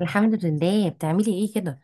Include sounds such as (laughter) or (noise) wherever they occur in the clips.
الحمد لله. بتعملي ايه كده؟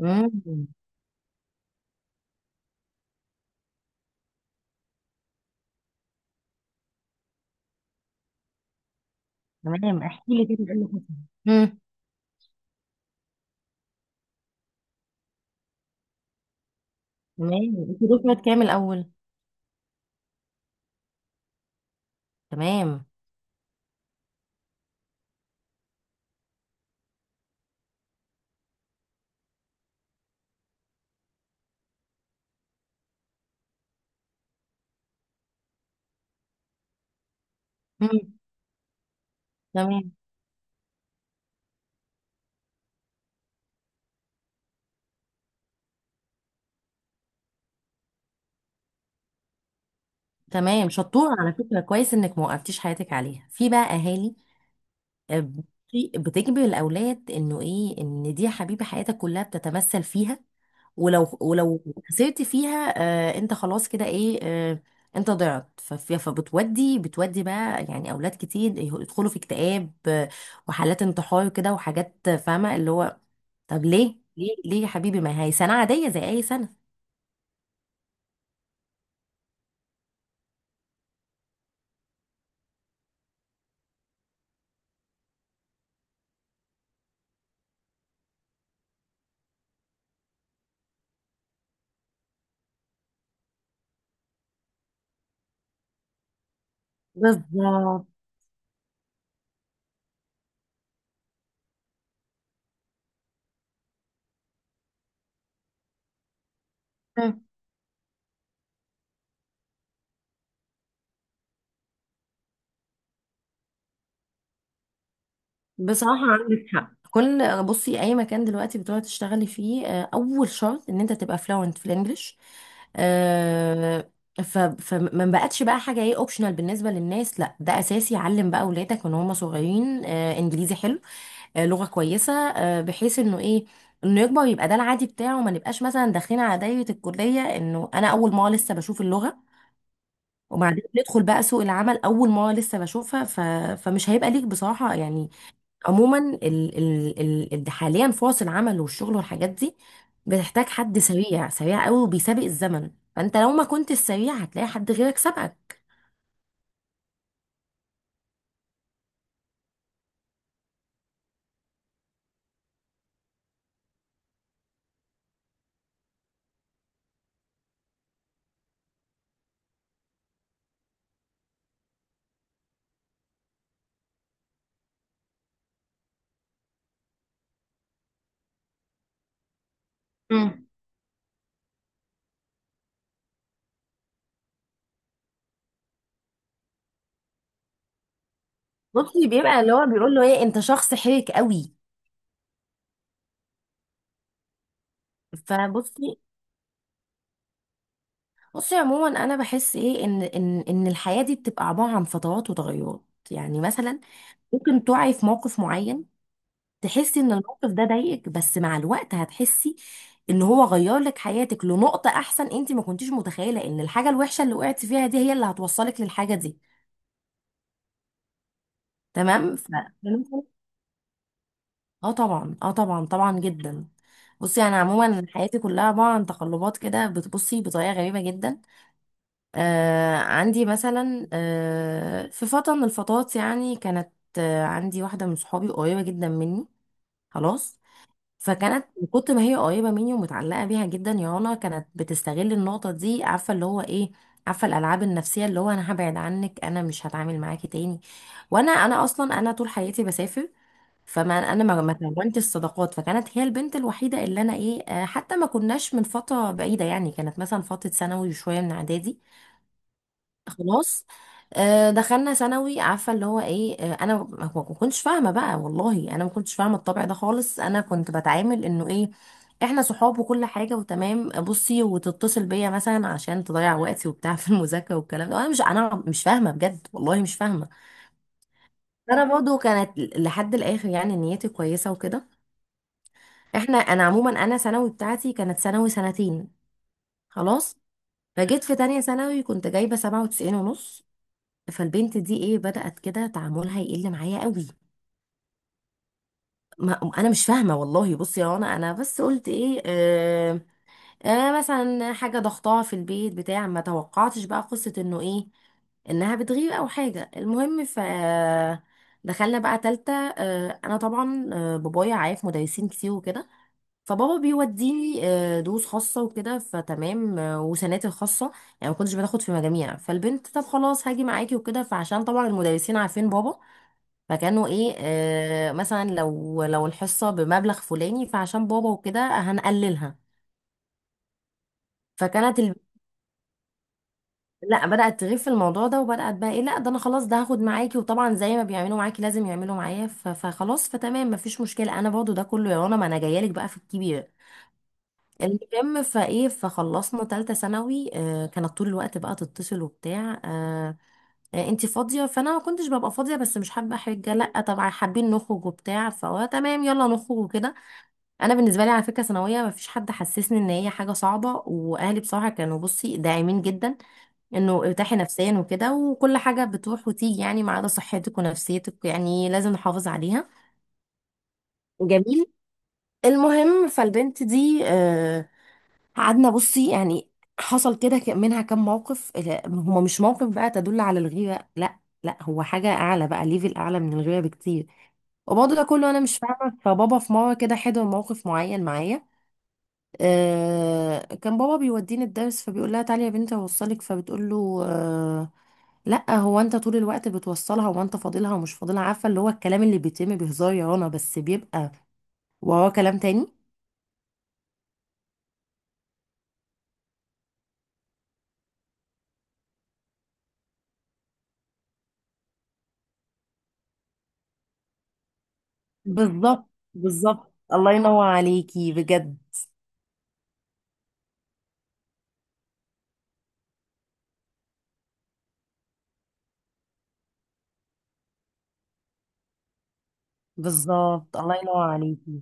امم. تمام، احكي لي كده ايه اللي حصل؟ امم. تمام، انت دفعه كام الاول؟ تمام. امم. تمام. تمام، شطوره على فكره، كويس انك ما وقفتيش حياتك عليها. في بقى اهالي بتجبر الاولاد انه ايه، ان دي حبيبه حياتك كلها بتتمثل فيها. ولو خسرت فيها، انت خلاص كده ايه. انت ضعت. فبتودي بتودي بقى، يعني اولاد كتير يدخلوا في اكتئاب، وحالات انتحار كده، وحاجات، فاهمه اللي هو، طب ليه ليه ليه يا حبيبي؟ ما هي سنه عاديه زي اي سنه. بالظبط. بصراحة عندك حق. كل، بصي، أي مكان دلوقتي بتقعد تشتغلي فيه، أول شرط إن أنت تبقى فلوينت في الإنجليش آه، فما بقتش بقى حاجة إيه أوبشنال بالنسبة للناس، لا ده أساسي. علم بقى أولادك من هم صغيرين، إنجليزي حلو، لغة كويسة، بحيث إنه إيه، إنه يكبر يبقى ده العادي بتاعه. ما نبقاش مثلا داخلين على دايرة الكلية إنه أنا أول ما لسه بشوف اللغة، وبعدين ندخل بقى سوق العمل أول ما لسه بشوفها فمش هيبقى ليك بصراحة يعني. عموما حاليا فرص العمل والشغل والحاجات دي بتحتاج حد سريع سريع قوي وبيسابق الزمن. فانت لو ما كنت السريع هتلاقي حد غيرك سبقك. مم. بصي، بيبقى اللي هو بيقول له ايه، انت شخص حرك قوي. فبصي بصي، عموما انا بحس ايه، ان الحياة دي بتبقى عبارة عن فترات وتغيرات. يعني مثلا ممكن تقعي في موقف معين، تحسي ان الموقف ده ضايقك، بس مع الوقت هتحسي ان هو غير لك حياتك لنقطة احسن، انت ما كنتيش متخيلة ان الحاجة الوحشة اللي وقعتي فيها دي هي اللي هتوصلك للحاجة دي. تمام ف... اه طبعا، اه طبعا جدا. بصي انا عموما حياتي كلها عباره عن تقلبات، كده بتبصي بطريقه غريبه جدا. عندي مثلا في فتره من الفترات يعني، كانت، عندي واحده من صحابي قريبه جدا مني. خلاص. فكانت من كتر ما هي قريبه مني ومتعلقه بيها جدا يا رنا، كانت بتستغل النقطه دي. عارفه اللي هو ايه، عارفه الالعاب النفسيه اللي هو انا هبعد عنك، انا مش هتعامل معاكي تاني. وانا اصلا، طول حياتي بسافر. فما انا ما كونتش الصداقات، فكانت هي البنت الوحيده اللي انا ايه، حتى ما كناش من فتره بعيده يعني، كانت مثلا فتره ثانوي وشويه من اعدادي. خلاص. دخلنا ثانوي، عارفه اللي هو ايه، انا ما كنتش فاهمه بقى والله، انا ما كنتش فاهمه الطبع ده خالص. انا كنت بتعامل انه ايه، احنا صحاب وكل حاجه وتمام، بصي وتتصل بيا مثلا عشان تضيع وقتي وبتاع في المذاكره والكلام ده. انا مش فاهمه بجد والله، مش فاهمه. انا برضو كانت لحد الاخر يعني نيتي كويسه وكده. انا عموما، ثانوي بتاعتي كانت ثانوي سنتين. خلاص. فجيت في تانية ثانوي كنت جايبه 97 ونص. فالبنت دي ايه، بدأت كده تعاملها يقل معايا قوي. ما انا مش فاهمه والله، بصي يا رنا انا بس قلت ايه، مثلا حاجه ضغطاها في البيت بتاع، ما توقعتش بقى قصه انه ايه، انها بتغيب او حاجه. المهم دخلنا بقى تالتة. انا طبعا، بابايا عارف مدرسين كتير وكده. فبابا بيوديني دروس خاصة وكده، فتمام، وسناتر خاصة، يعني ما كنتش بتاخد في مجاميع. فالبنت، طب خلاص هاجي معاكي وكده. فعشان طبعا المدرسين عارفين بابا، فكانوا ايه آه، مثلا لو الحصه بمبلغ فلاني فعشان بابا وكده هنقللها. فكانت ال... لا بدات تغيب في الموضوع ده، وبدات بقى ايه، لا ده انا خلاص ده هاخد معاكي، وطبعا زي ما بيعملوا معاكي لازم يعملوا معايا فخلاص، فتمام مفيش مشكله. انا برضه ده كله يا رنا، ما انا جايه لك بقى في الكبير. المهم فايه فخلصنا تالتة ثانوي آه، كانت طول الوقت بقى تتصل وبتاع آه، انتي فاضيه؟ فانا ما كنتش ببقى فاضيه، بس مش حابه حاجه، لا طبعا حابين نخرج وبتاع، فهو تمام يلا نخرج وكده. انا بالنسبه لي على فكره ثانويه، ما فيش حد حسسني ان هي حاجه صعبه، واهلي بصراحه كانوا بصي داعمين جدا، انه ارتاحي نفسيا وكده وكل حاجه بتروح وتيجي يعني، ما عدا صحتك ونفسيتك يعني لازم نحافظ عليها. جميل. المهم فالبنت دي، قعدنا بصي يعني، حصل كده منها كم موقف، لا، هما مش موقف بقى تدل على الغيره، لا لا هو حاجه اعلى بقى، ليفل اعلى من الغيره بكتير. وبرضه ده كله انا مش فاهمه. فبابا في مره كده حضر موقف معين معايا. كان بابا بيوديني الدرس، فبيقول لها تعالي يا بنتي اوصلك. فبتقول له آه، لا هو انت طول الوقت بتوصلها، هو انت فاضلها ومش فاضلها. عارفه اللي هو الكلام اللي بيتم بهزار يا رنا بس بيبقى وهو كلام تاني. بالظبط بالظبط، الله ينور عليكي بجد. بالظبط، الله ينور عليكي.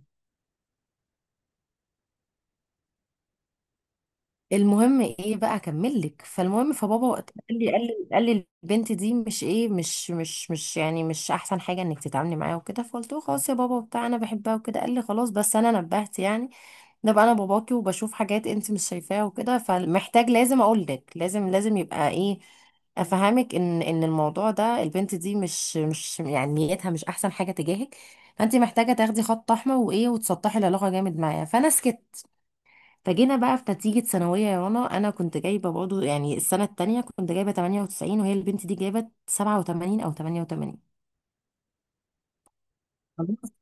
المهم ايه بقى، اكمل لك. فالمهم فبابا وقتها قال لي: البنت دي مش ايه، مش يعني مش احسن حاجه انك تتعاملي معاها وكده. فقلت له خلاص يا بابا وبتاع، انا بحبها وكده. قال لي خلاص، بس انا نبهت يعني، ده بقى انا باباكي وبشوف حاجات انت مش شايفاها وكده، فمحتاج لازم اقول لك، لازم لازم يبقى ايه، افهمك ان الموضوع ده، البنت دي مش مش يعني نيتها مش احسن حاجه تجاهك. فانت محتاجه تاخدي خط احمر وايه، وتسطحي العلاقه جامد معاها. فانا سكت. فجينا بقى في نتيجة ثانوية يا رنا، أنا كنت جايبة برضه، يعني السنة التانية كنت جايبة 98، وهي البنت دي جايبة 87 أو 88. خلاص.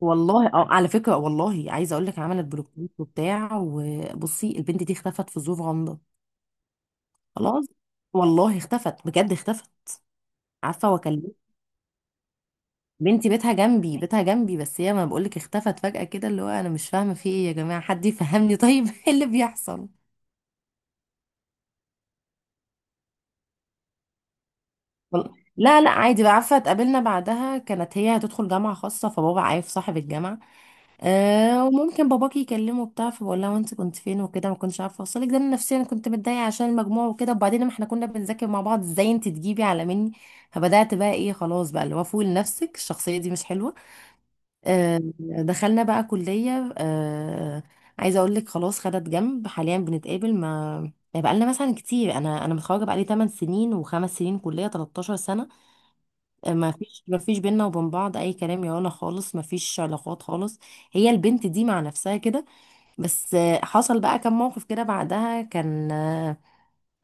والله اه، على فكرة والله عايزة أقول لك، عملت بلوكات وبتاع، وبصي البنت دي اختفت في ظروف غامضة. خلاص. والله اختفت بجد، اختفت. عارفة؟ وأكلمك، بنتي بيتها جنبي، بيتها جنبي، بس هي، ما بقولك اختفت فجأة كده، اللي هو أنا مش فاهمة في إيه يا جماعة، حد يفهمني طيب؟ (laughs) إيه اللي بيحصل؟ لا لا عادي بقى، عارفه اتقابلنا بعدها، كانت هي هتدخل جامعه خاصه، فبابا عارف صاحب الجامعه آه، وممكن باباكي يكلمه بتاع. فبقول لها: وانت كنت فين وكده؟ ما كنتش عارفه اوصلك. ده انا نفسيا كنت متضايقه عشان المجموع وكده. وبعدين ما احنا كنا بنذاكر مع بعض، ازاي انت تجيبي على مني؟ فبدات بقى ايه، خلاص بقى اللي هو، فوق لنفسك، الشخصيه دي مش حلوه. دخلنا بقى كليه. عايزه اقول لك خلاص، خدت جنب. حاليا بنتقابل، ما يعني بقى لنا مثلا كتير، انا انا متخرجه بقى لي 8 سنين و5 سنين كليه، 13 سنه. ما فيش بينا وبين بعض اي كلام يا ولا خالص، ما فيش علاقات خالص. هي البنت دي مع نفسها كده. بس آه، حصل بقى كم موقف كده بعدها كان آه،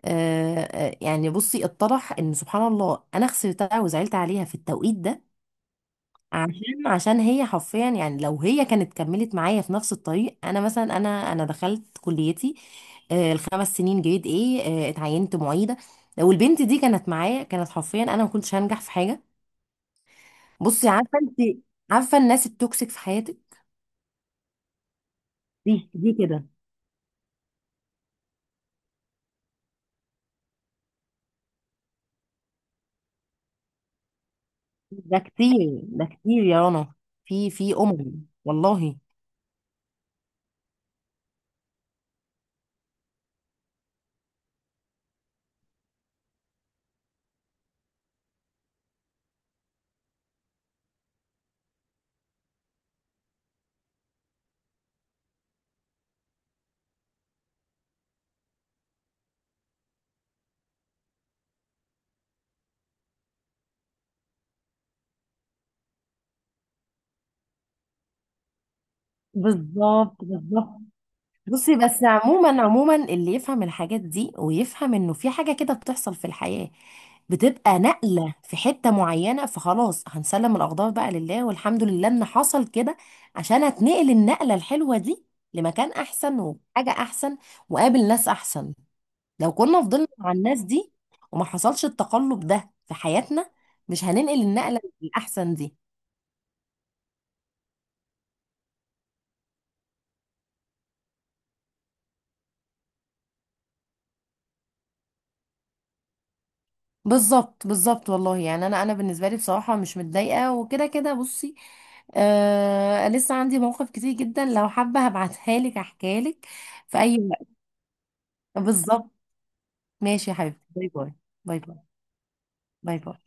يعني بصي اتضح ان سبحان الله، انا خسرتها وزعلت عليها في التوقيت ده. عشان هي حرفيا يعني، لو هي كانت كملت معايا في نفس الطريق، انا مثلا، انا انا دخلت كليتي آه، الخمس سنين جريد ايه آه، اتعينت معيده. لو البنت دي كانت معايا، كانت حرفيا، انا ما كنتش هنجح في حاجه. بصي عارفه انت، عارفه الناس التوكسيك في حياتك؟ دي دي كده. ده كتير يا رنا، في في امم، والله. بالظبط بالظبط. بصي، بس عموما، اللي يفهم الحاجات دي ويفهم انه في حاجه كده بتحصل في الحياه، بتبقى نقله في حته معينه، فخلاص هنسلم الاقدار بقى لله، والحمد لله ان حصل كده، عشان هتنقل النقله الحلوه دي لمكان احسن، وحاجه احسن، وقابل ناس احسن. لو كنا فضلنا مع الناس دي وما حصلش التقلب ده في حياتنا، مش هننقل النقلة الأحسن دي. بالظبط بالظبط والله. يعني أنا أنا بالنسبة لي بصراحة مش متضايقة وكده. كده بصي، آه لسه عندي مواقف كتير جدا، لو حابة هبعتها لك أحكيها لك في أي وقت. بالظبط. ماشي يا حبيبتي، باي باي. باي باي. باي باي.